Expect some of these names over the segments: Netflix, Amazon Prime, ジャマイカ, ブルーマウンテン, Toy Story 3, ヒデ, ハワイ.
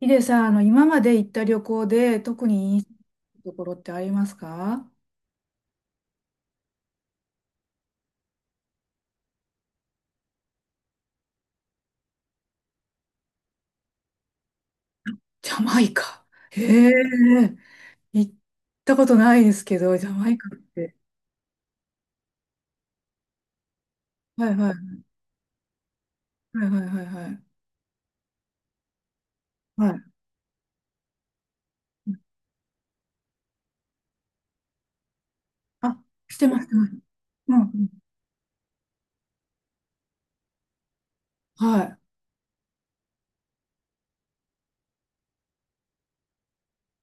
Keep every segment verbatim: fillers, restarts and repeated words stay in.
ヒデさん、あの、今まで行った旅行で特にいいところってありますか？ジャマイカ。へえ、行ったことないですけど、ジャマイカって。はいはい、はいはいはいはい。はい。あ、してます、してます。うん、うん。はい、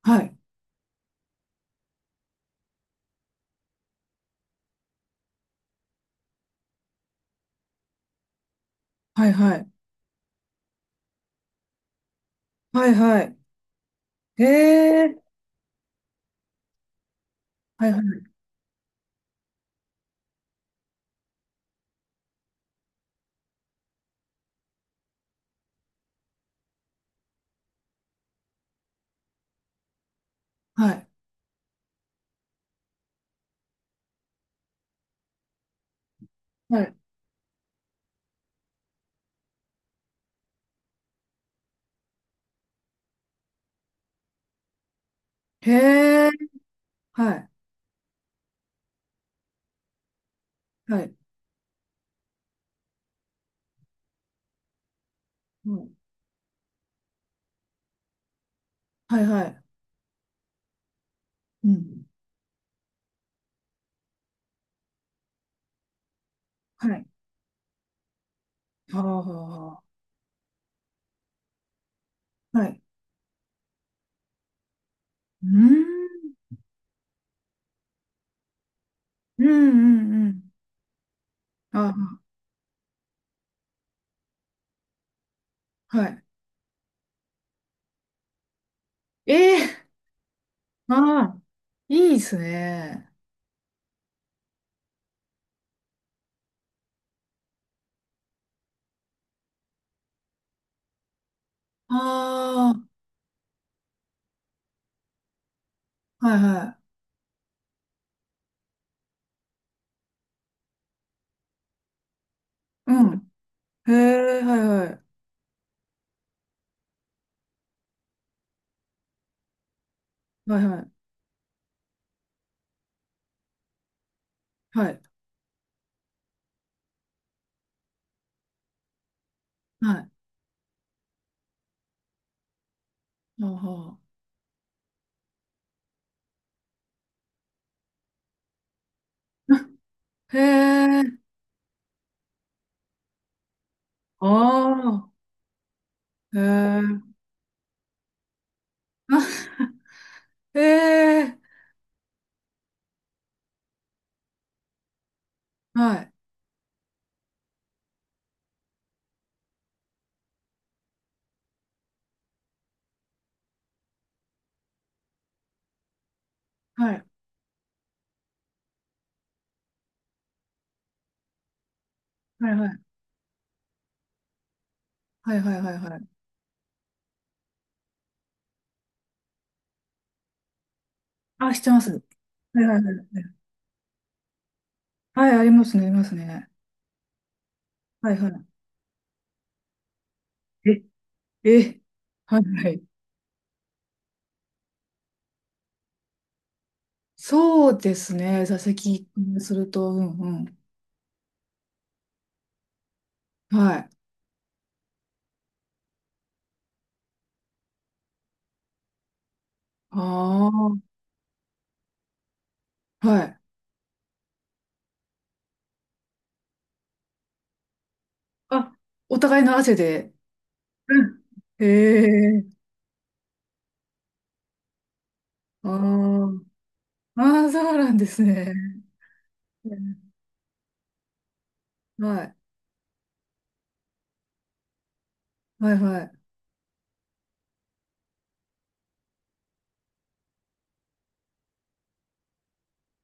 はい、はいはい。はいはい。へえ、はいはい、はい、はい。へえ、はい、はい、うん、はいはい。うん、はい。はあはあはあ。はい。うーん、うん、うん、うん。あ、はい。ええー、ああ、いいですね。ああ、はいはい。うん。へえ、はいはい。はいはい。はい。はい。あはあ。へえ、ああ、へえ、あ、へえ、はい。はい。はいはい。はいはいはいはい。あ、してます。はいはいはい。はい、ありますね、ありますね。はいはい。え、え、はいはい。そうですね、座席からすると、うんうん。はい。ああ。はい。あ、お互いの汗で。うん。へえ。あー、あー、そうなんですね。うん。はい。はいはい。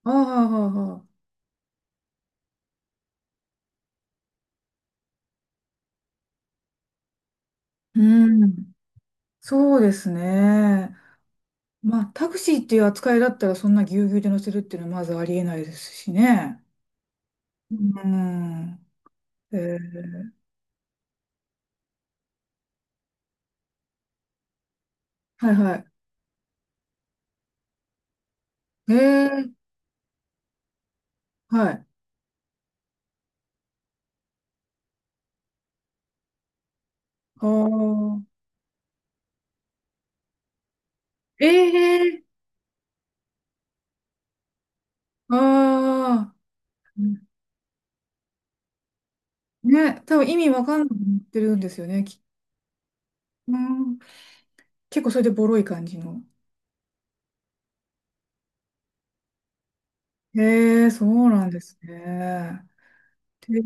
ああ、ああ、ああ。うん。そうですね。まあ、タクシーっていう扱いだったら、そんなぎゅうぎゅうで乗せるっていうのはまずありえないですしね。うん。えー、はいはい。えー、はい。ああ。ええー、ああ。ね、多分意味わかんなくなってるんですよね。きうん。結構それでボロい感じの。へえ、そうなんですね。で、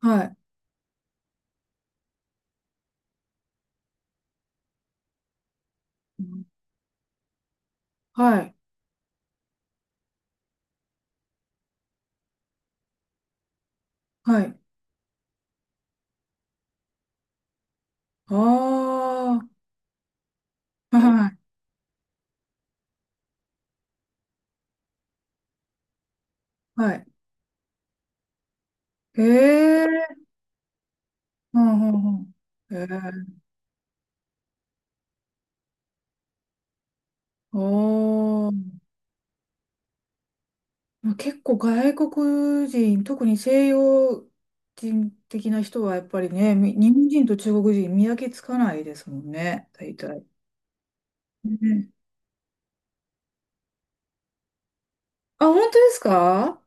はい。はい。はい。ああ、はい。はい。へえ、うんうんうん。へえ、ああ。まあ結構外国人、特に西洋人的な人はやっぱりね、み日本人と中国人見分けつかないですもんね、大体。ね、あ、本当ですか？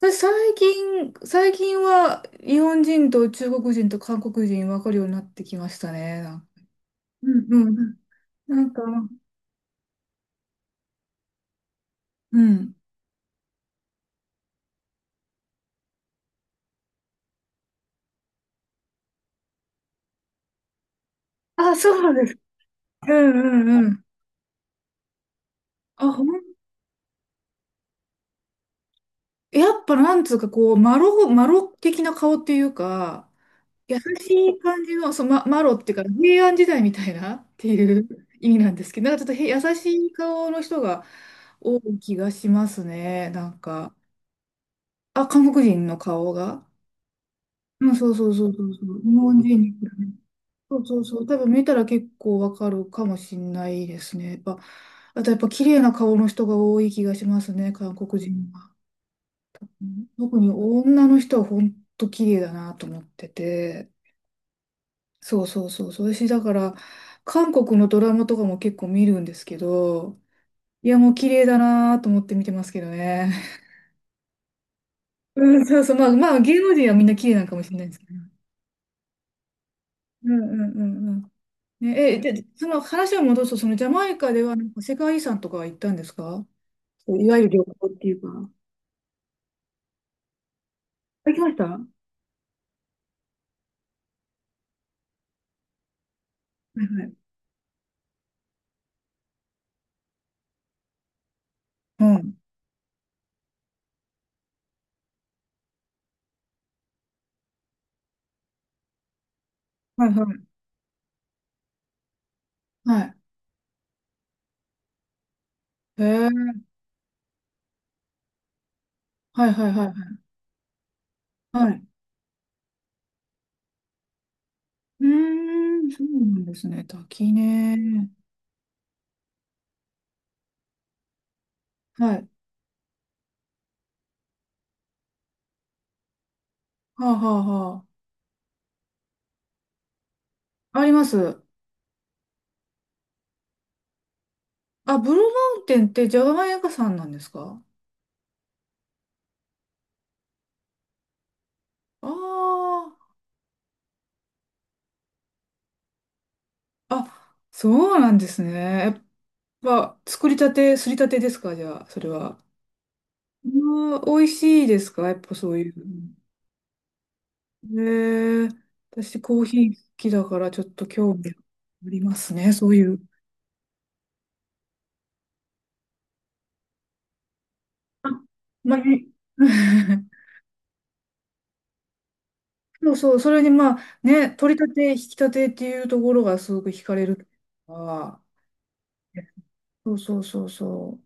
私最近、最近は日本人と中国人と韓国人分かるようになってきましたね。なんか、うんうん。なんか、うん。あ、そうなんです。うんうんうん。あ、ほん、やっぱなんつうかこう、マロ、マロ的な顔っていうか、優しい感じの、そう、ま、マロっていうか、平安時代みたいなっていう意味なんですけど、なんかちょっとへ優しい顔の人が多い気がしますね。なんか、あ、韓国人の顔が。うん、そうそうそうそうそう。日本人に比べて、そうそうそう。多分見たら結構わかるかもしんないですね。やっぱ、あとやっぱ綺麗な顔の人が多い気がしますね、韓国人は。うん、特に女の人は本当綺麗だなと思ってて。そうそうそうそう。私だから、韓国のドラマとかも結構見るんですけど、いやもう綺麗だなと思って見てますけどね。うん、そうそう。まあまあ芸能人はみんな綺麗なのかもしれないですけど。うんうんうんうん。ね、え、で、その話を戻すと、そのジャマイカではなんか世界遺産とかは行ったんですか？そういわゆる旅行っていうか。あ、行きました。はいはい。うん。はいはい。はい。へえ。はいはいはいはい。はい。うーん、そうなんですね。滝ね。はい。はあはあはあ。あります。あ、ブルーマウンテンってジャマイカ山なんですか？ああー。あ、そうなんですね。やっぱ、作りたて、すりたてですか？じゃあ、それは。まあ、美味しいですか？やっぱそういうの。ねえ。私コーヒー好きだからちょっと興味ありますね、そういう。あ、まあね。 そうそう、それにまあね、取り立て、引き立てっていうところがすごく惹かれるから。そうそうそうそ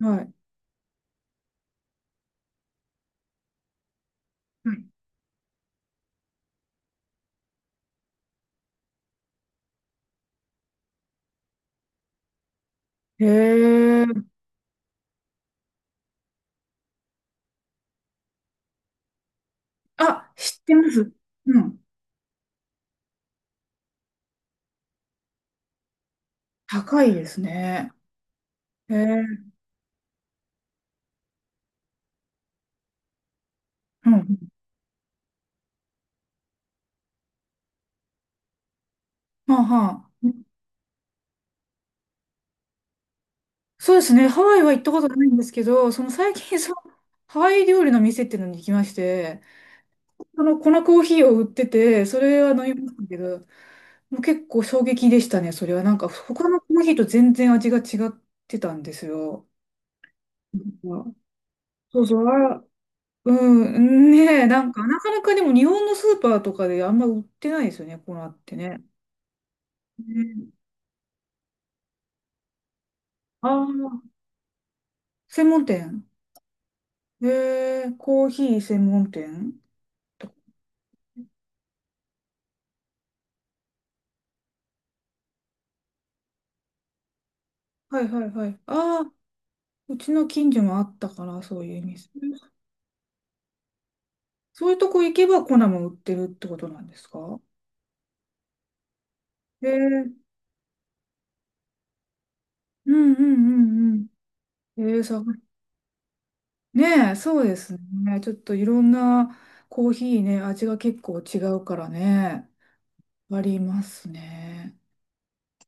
う。はい。はい。へえ。あ、知ってます。うん。高いですね。へえ。うん。はあはあ。そうですね。ハワイは行ったことないんですけど、その最近、そのハワイ料理の店っていうのに行きまして、その粉コーヒーを売ってて、それは飲みましたけど、もう結構衝撃でしたね、それは。なんか他のコーヒーと全然味が違ってたんですよ。うん、そうそう、あ、うん、ねえ、なんかなかなかでも日本のスーパーとかであんま売ってないですよね、粉ってね。ね、ああ、専門店。えー、コーヒー専門店。はいはいはい。ああ、うちの近所もあったから、そういう店。そういうとこ行けば粉も売ってるってことなんですか？えーうんうんうんうん。えーさ、ねえ、そうですね。ちょっといろんなコーヒーね、味が結構違うからね、ありますね。